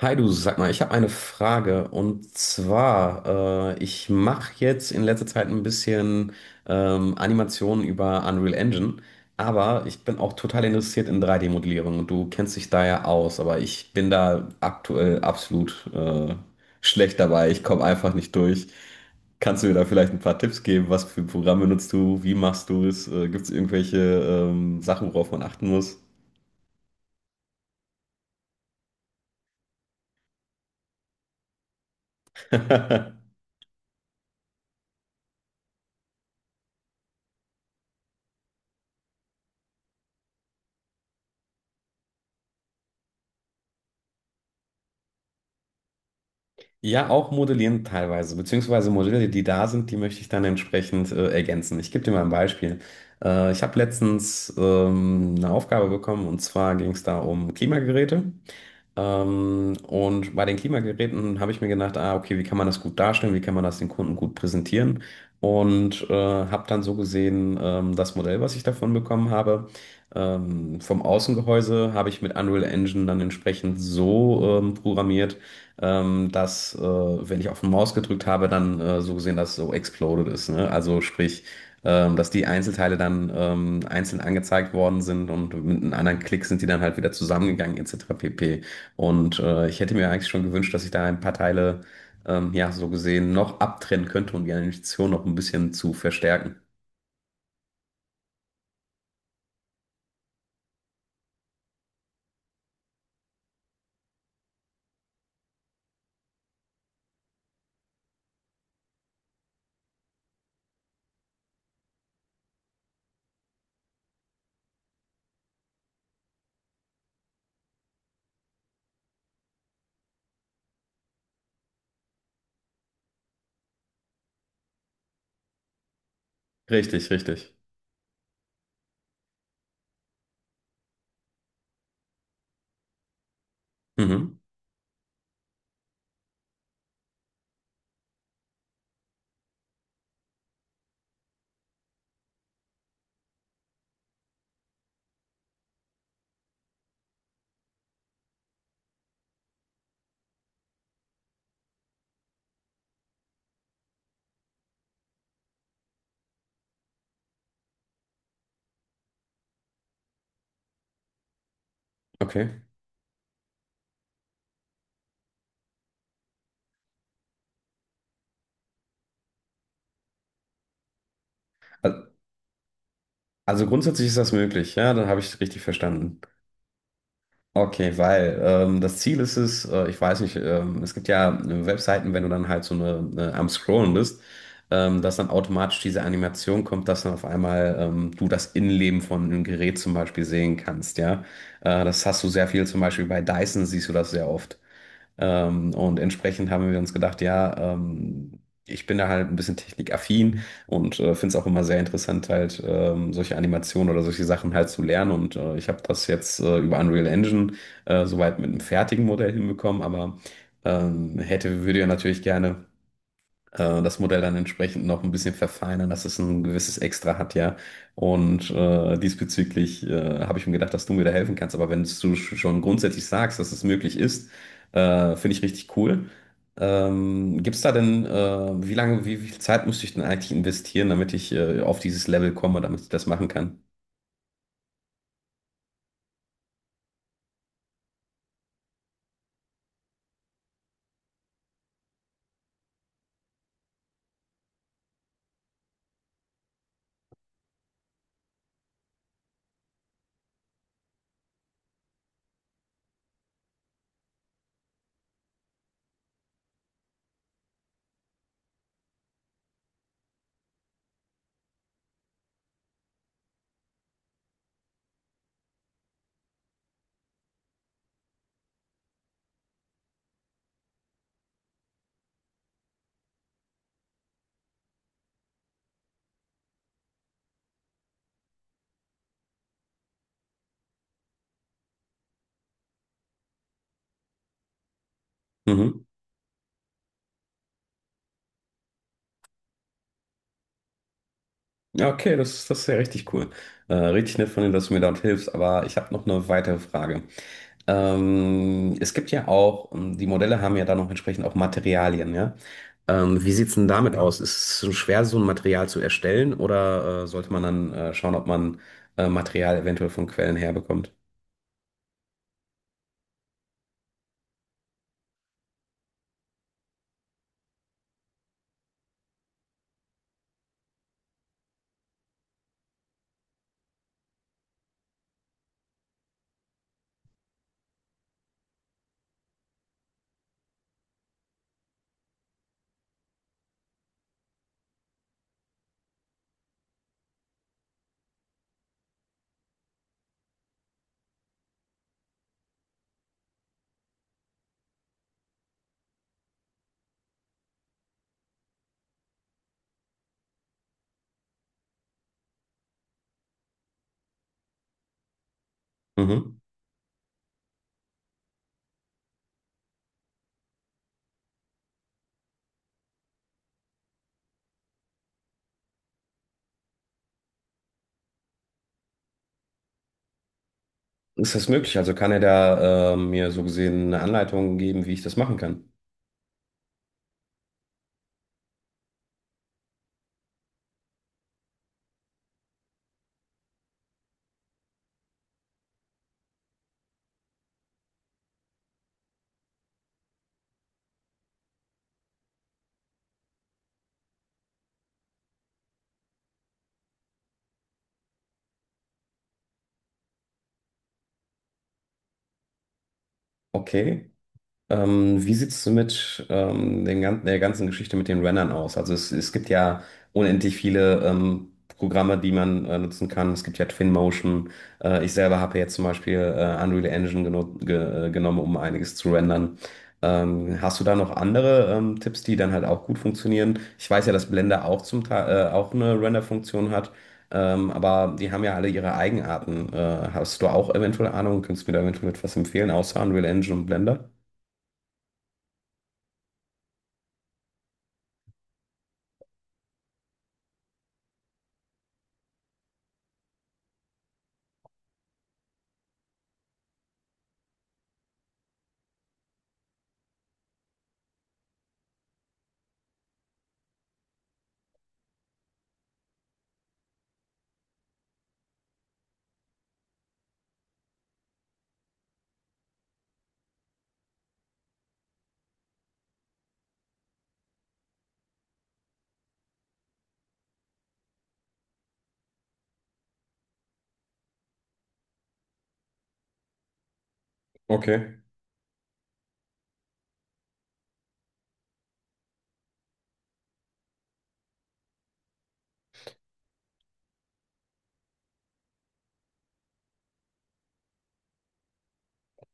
Hi du, sag mal, ich habe eine Frage und zwar, ich mache jetzt in letzter Zeit ein bisschen Animationen über Unreal Engine, aber ich bin auch total interessiert in 3D-Modellierung und du kennst dich da ja aus, aber ich bin da aktuell absolut schlecht dabei, ich komme einfach nicht durch. Kannst du mir da vielleicht ein paar Tipps geben, was für Programme nutzt du, wie machst du es, gibt es irgendwelche Sachen, worauf man achten muss? Ja, auch modellieren teilweise, beziehungsweise Modelle, die da sind, die möchte ich dann entsprechend ergänzen. Ich gebe dir mal ein Beispiel. Ich habe letztens eine Aufgabe bekommen und zwar ging es da um Klimageräte. Und bei den Klimageräten habe ich mir gedacht, ah, okay, wie kann man das gut darstellen, wie kann man das den Kunden gut präsentieren? Und habe dann so gesehen, das Modell, was ich davon bekommen habe, vom Außengehäuse habe ich mit Unreal Engine dann entsprechend so programmiert, dass, wenn ich auf die Maus gedrückt habe, dann so gesehen, dass es so exploded ist. Ne? Also sprich, dass die Einzelteile dann einzeln angezeigt worden sind und mit einem anderen Klick sind die dann halt wieder zusammengegangen, etc. pp. Und ich hätte mir eigentlich schon gewünscht, dass ich da ein paar Teile, ja, so gesehen, noch abtrennen könnte, um die Animation noch ein bisschen zu verstärken. Richtig, richtig. Mhm. Okay. Al- Also grundsätzlich ist das möglich, ja, dann habe ich richtig verstanden. Okay, weil das Ziel ist es, ich weiß nicht, es gibt ja Webseiten, wenn du dann halt so eine am Scrollen bist, dass dann automatisch diese Animation kommt, dass dann auf einmal du das Innenleben von einem Gerät zum Beispiel sehen kannst, ja. Das hast du sehr viel, zum Beispiel bei Dyson siehst du das sehr oft. Und entsprechend haben wir uns gedacht, ja, ich bin da halt ein bisschen technikaffin und finde es auch immer sehr interessant, halt solche Animationen oder solche Sachen halt zu lernen. Und ich habe das jetzt über Unreal Engine soweit mit einem fertigen Modell hinbekommen, aber würde ja natürlich gerne das Modell dann entsprechend noch ein bisschen verfeinern, dass es ein gewisses Extra hat, ja. Und diesbezüglich habe ich mir gedacht, dass du mir da helfen kannst. Aber wenn du schon grundsätzlich sagst, dass es möglich ist, finde ich richtig cool. Gibt es da denn, wie viel Zeit müsste ich denn eigentlich investieren, damit ich auf dieses Level komme, damit ich das machen kann? Mhm. Ja, okay, das ist ja richtig cool. Richtig nett von dir, dass du mir dort hilfst, aber ich habe noch eine weitere Frage. Es gibt ja auch, die Modelle haben ja dann auch entsprechend auch Materialien, ja. Wie sieht's denn damit aus? Ist es so schwer, so ein Material zu erstellen oder sollte man dann schauen, ob man Material eventuell von Quellen herbekommt? Mhm. Ist das möglich? Also kann er da mir so gesehen eine Anleitung geben, wie ich das machen kann? Okay. Wie sieht's mit der ganzen Geschichte mit den Rennern aus? Also es gibt ja unendlich viele Programme, die man nutzen kann. Es gibt ja Twinmotion. Ich selber habe jetzt zum Beispiel Unreal Engine genommen, um einiges zu rendern. Hast du da noch andere Tipps, die dann halt auch gut funktionieren? Ich weiß ja, dass Blender auch zum Teil auch eine Render-Funktion hat, aber die haben ja alle ihre Eigenarten. Hast du auch eventuell Ahnung? Könntest du mir da eventuell etwas empfehlen, außer Unreal Engine und Blender? Okay.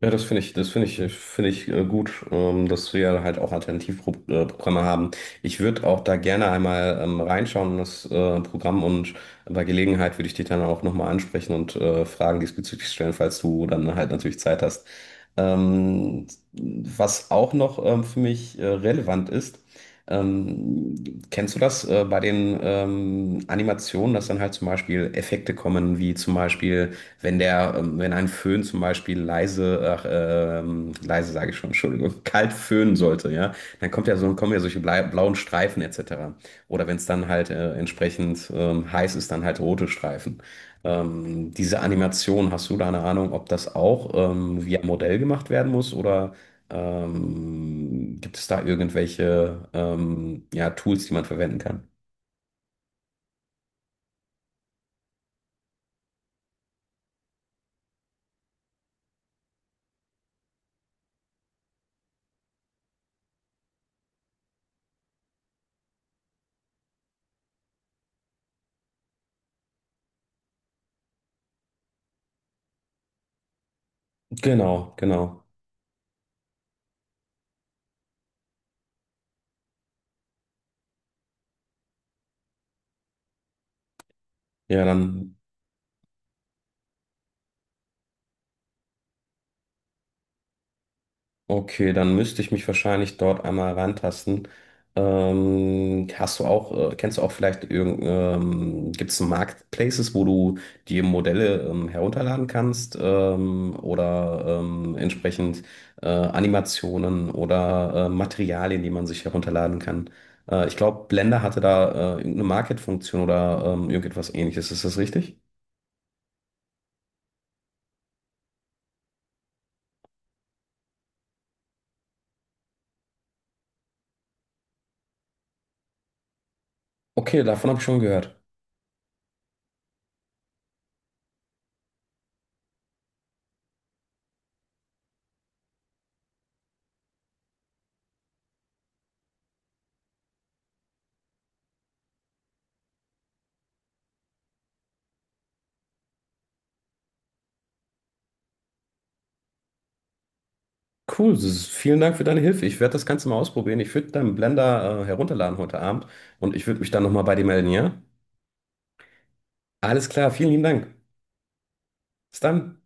Ja, finde ich gut, dass wir halt auch Alternativprogramme haben. Ich würde auch da gerne einmal reinschauen in das Programm und bei Gelegenheit würde ich dich dann auch nochmal ansprechen und Fragen diesbezüglich stellen, falls du dann halt natürlich Zeit hast. Ähm, was auch noch für mich relevant ist, ähm, kennst du das bei den Animationen, dass dann halt zum Beispiel Effekte kommen, wie zum Beispiel wenn der, wenn ein Föhn zum Beispiel leise, ach, leise sage ich schon, Entschuldigung, kalt föhnen sollte, ja, dann kommt ja so, kommen ja solche blauen Streifen etc. Oder wenn es dann halt entsprechend heiß ist, dann halt rote Streifen. Diese Animation, hast du da eine Ahnung, ob das auch via Modell gemacht werden muss oder gibt es da irgendwelche ja, Tools, die man verwenden kann? Genau, genau. Ja, dann. Okay, dann müsste ich mich wahrscheinlich dort einmal rantasten. Kennst du auch vielleicht gibt es Marketplaces, wo du die Modelle herunterladen kannst oder entsprechend Animationen oder Materialien, die man sich herunterladen kann? Ich glaube, Blender hatte da irgendeine Market-Funktion oder irgendetwas ähnliches. Ist das richtig? Okay, davon habe ich schon gehört. Cool, das ist, vielen Dank für deine Hilfe. Ich werde das Ganze mal ausprobieren. Ich würde deinen Blender herunterladen heute Abend und ich würde mich dann nochmal bei dir melden, ja? Alles klar, vielen lieben Dank. Bis dann.